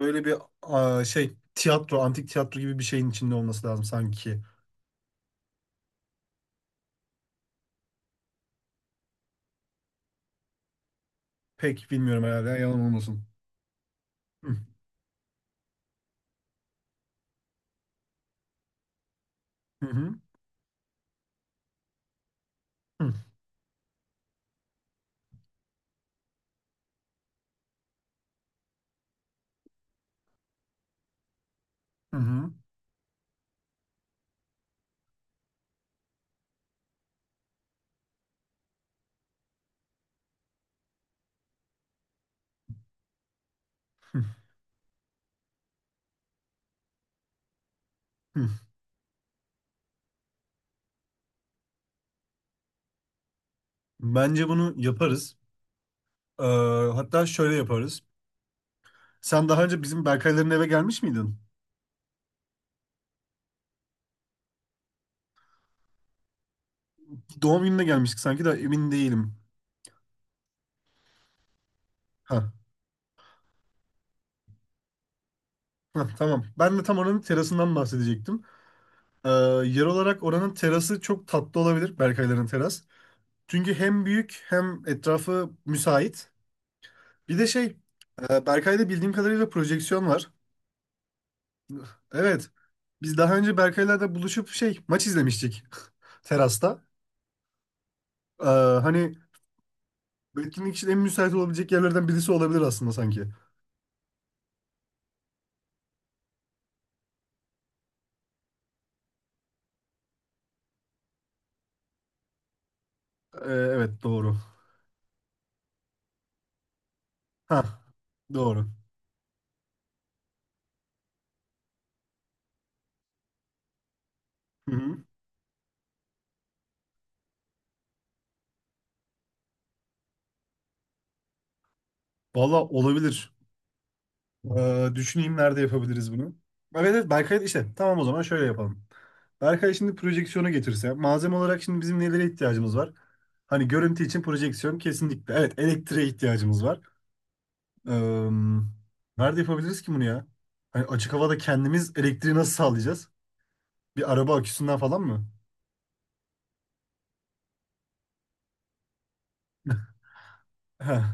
Böyle bir antik tiyatro gibi bir şeyin içinde olması lazım sanki. Pek bilmiyorum herhalde. Yalan olmasın. Hı hı hı hı hı hı. Hı. Bence bunu yaparız. Ee, Hatta şöyle yaparız. Sen daha önce bizim Berkayların eve gelmiş miydin? Doğum gününe gelmiştik sanki de emin değilim. Ha. Ha, tamam. Ben de tam oranın terasından bahsedecektim. Ee, Yer olarak oranın terası çok tatlı olabilir. Berkayların teras. Çünkü hem büyük hem etrafı müsait. Bir de Berkay'da bildiğim kadarıyla projeksiyon var. Evet. Biz daha önce Berkay'la da buluşup maç izlemiştik terasta. E, Hani bu etkinlik için en müsait olabilecek yerlerden birisi olabilir aslında sanki. Evet doğru. Ha, doğru. Hı hı. Valla olabilir. E, düşüneyim nerede yapabiliriz bunu. Evet evet, Berkay işte, tamam o zaman şöyle yapalım. Berkay şimdi projeksiyonu getirse, malzeme olarak şimdi bizim nelere ihtiyacımız var? Hani görüntü için projeksiyon kesinlikle. Evet, elektriğe ihtiyacımız var. Eee, Nerede yapabiliriz ki bunu ya? Hani açık havada kendimiz elektriği nasıl sağlayacağız? Bir araba aküsünden falan mı? Heh.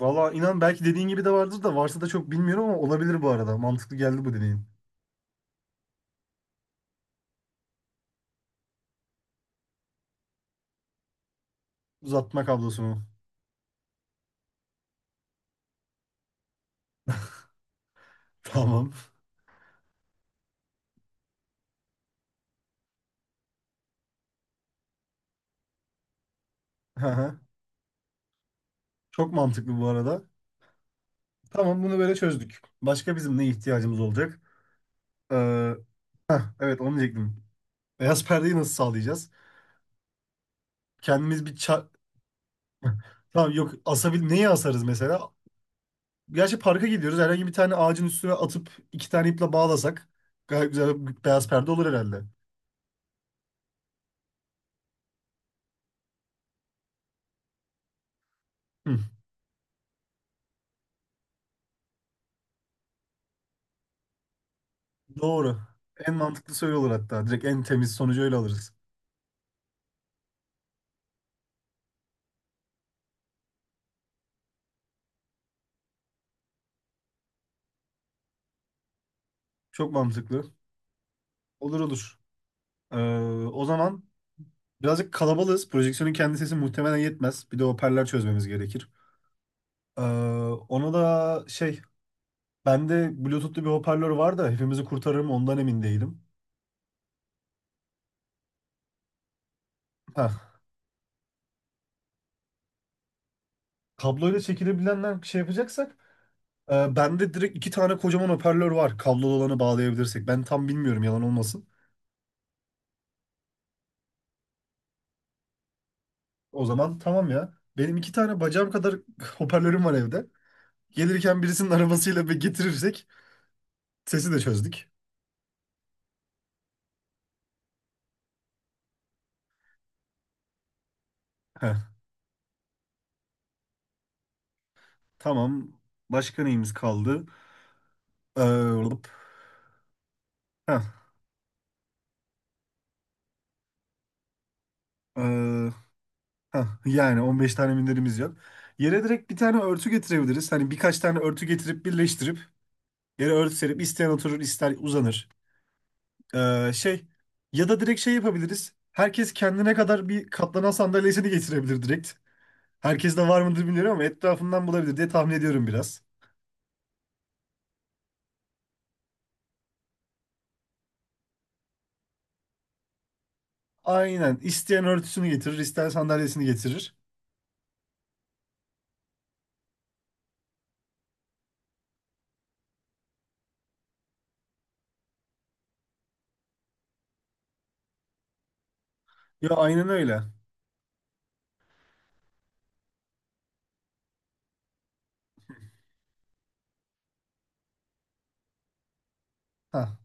Valla inan, belki dediğin gibi de vardır, da varsa da çok bilmiyorum, ama olabilir bu arada. Mantıklı geldi bu dediğin. Uzatma kablosunu. Tamam. Hı hı. Çok mantıklı bu arada. Tamam, bunu böyle çözdük. Başka bizim ne ihtiyacımız olacak? Ee, evet onu diyecektim. Beyaz perdeyi nasıl sağlayacağız? Kendimiz bir ça... Tamam, yok asabil neyi asarız mesela? Gerçi parka gidiyoruz. Herhangi bir tane ağacın üstüne atıp iki tane iple bağlasak gayet güzel bir beyaz perde olur herhalde. Hı, doğru. En mantıklısı öyle olur hatta. Direkt en temiz sonucu öyle alırız. Çok mantıklı. Olur olur. Ee, O zaman birazcık kalabalığız. Projeksiyonun kendi sesi muhtemelen yetmez. Bir de hoparlör çözmemiz gerekir. Ee, Ona da bende Bluetooth'lu bir hoparlör var da hepimizi kurtarır mı ondan emin değilim. Ha, kabloyla çekilebilenler şey yapacaksak, bende direkt iki tane kocaman hoparlör var. Kablolu olanı bağlayabilirsek. Ben tam bilmiyorum, yalan olmasın. O zaman tamam ya. Benim iki tane bacağım kadar hoparlörüm var evde. Gelirken birisinin arabasıyla bir getirirsek sesi de çözdük. Heh, tamam. Başka neyimiz kaldı? Ee, Hop. Heh, ee, heh. Yani 15 tane minderimiz yok. Yere direkt bir tane örtü getirebiliriz. Hani birkaç tane örtü getirip birleştirip yere örtü serip isteyen oturur, ister uzanır. Ee, şey Ya da direkt şey yapabiliriz. Herkes kendine kadar bir katlanan sandalyesini getirebilir direkt. Herkes de var mıdır bilmiyorum ama etrafından bulabilir diye tahmin ediyorum biraz. Aynen. İsteyen örtüsünü getirir, isteyen sandalyesini getirir. Ya aynen öyle. Ha.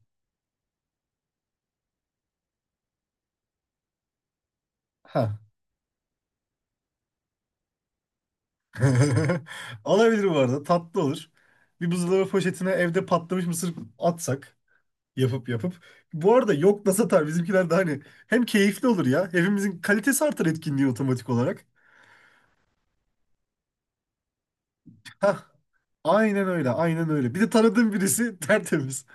Ha. Olabilir bu arada. Tatlı olur. Bir buzdolabı poşetine evde patlamış mısır atsak yapıp yapıp. Bu arada yok da satar bizimkiler de, hani hem keyifli olur ya, hepimizin kalitesi artar etkinliği otomatik olarak. Aynen öyle, aynen öyle. Bir de tanıdığım birisi tertemiz.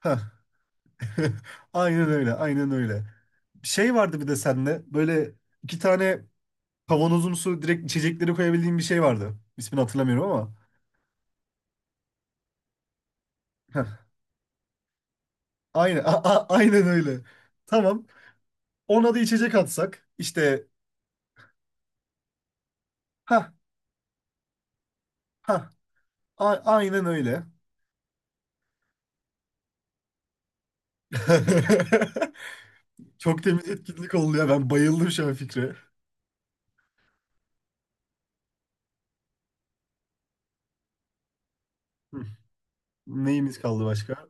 Hah. Aynen öyle, aynen öyle. Şey vardı bir de seninle böyle iki tane kavanozumsu direkt içecekleri koyabildiğim bir şey vardı. İsmini hatırlamıyorum ama. Hah. Aynen, a- a- aynen öyle. Tamam. Ona da içecek atsak işte. Ha, ha, aynen öyle. Çok temiz etkinlik oldu ya. Ben bayıldım şu an fikre. Hı. Neyimiz kaldı başka?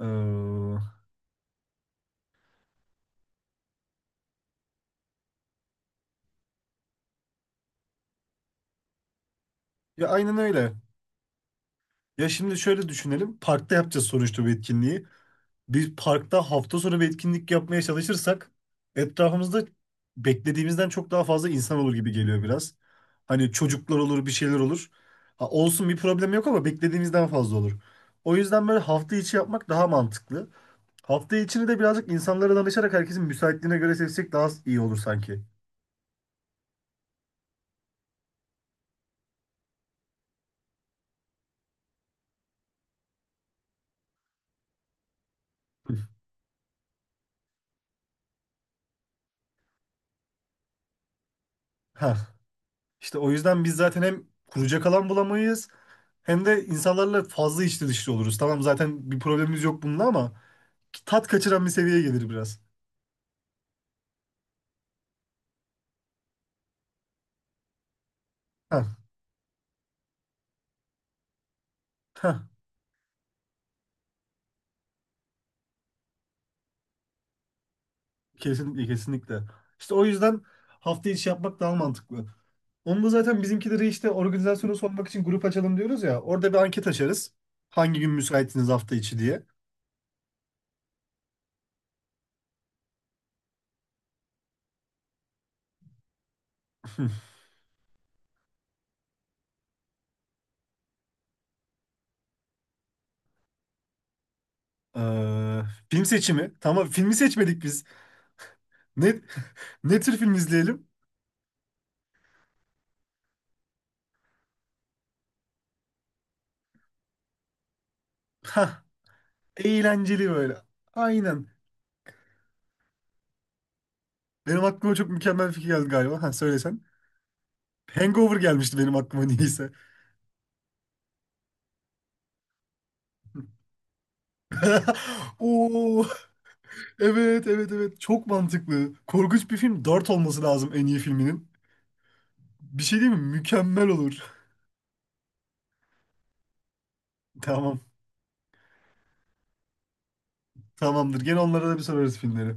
Ee, Ya aynen öyle. Ya şimdi şöyle düşünelim. Parkta yapacağız sonuçta bu etkinliği. Bir parkta hafta sonu bir etkinlik yapmaya çalışırsak etrafımızda beklediğimizden çok daha fazla insan olur gibi geliyor biraz. Hani çocuklar olur, bir şeyler olur. Ha, olsun, bir problem yok, ama beklediğimizden fazla olur. O yüzden böyle hafta içi yapmak daha mantıklı. Hafta içini de birazcık insanlara danışarak herkesin müsaitliğine göre seçsek daha iyi olur sanki. Ha, işte o yüzden biz zaten hem kuracak alan bulamayız, hem de insanlarla fazla içli dışlı oluruz. Tamam, zaten bir problemimiz yok bununla ama tat kaçıran bir seviyeye gelir biraz. Heh, heh, kesin, kesinlikle. İşte o yüzden hafta içi yapmak daha mantıklı. Onu da zaten bizimkileri, işte organizasyonu sormak için grup açalım diyoruz ya. Orada bir anket açarız. Hangi gün müsaitsiniz hafta içi diye. Ee, Film seçimi. Tamam, filmi seçmedik biz. Ne, ne tür film izleyelim? Hah, eğlenceli böyle. Aynen. Benim aklıma çok mükemmel bir fikir geldi galiba. Ha, söylesen. Hangover gelmişti benim aklıma niyeyse. Oo, evet evet evet, çok mantıklı. Korkunç Bir Film 4 olması lazım en iyi filminin. Bir Şey değil mi? Mükemmel olur. Tamam, tamamdır. Gene onlara da bir sorarız filmleri.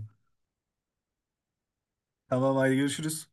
Tamam, haydi görüşürüz.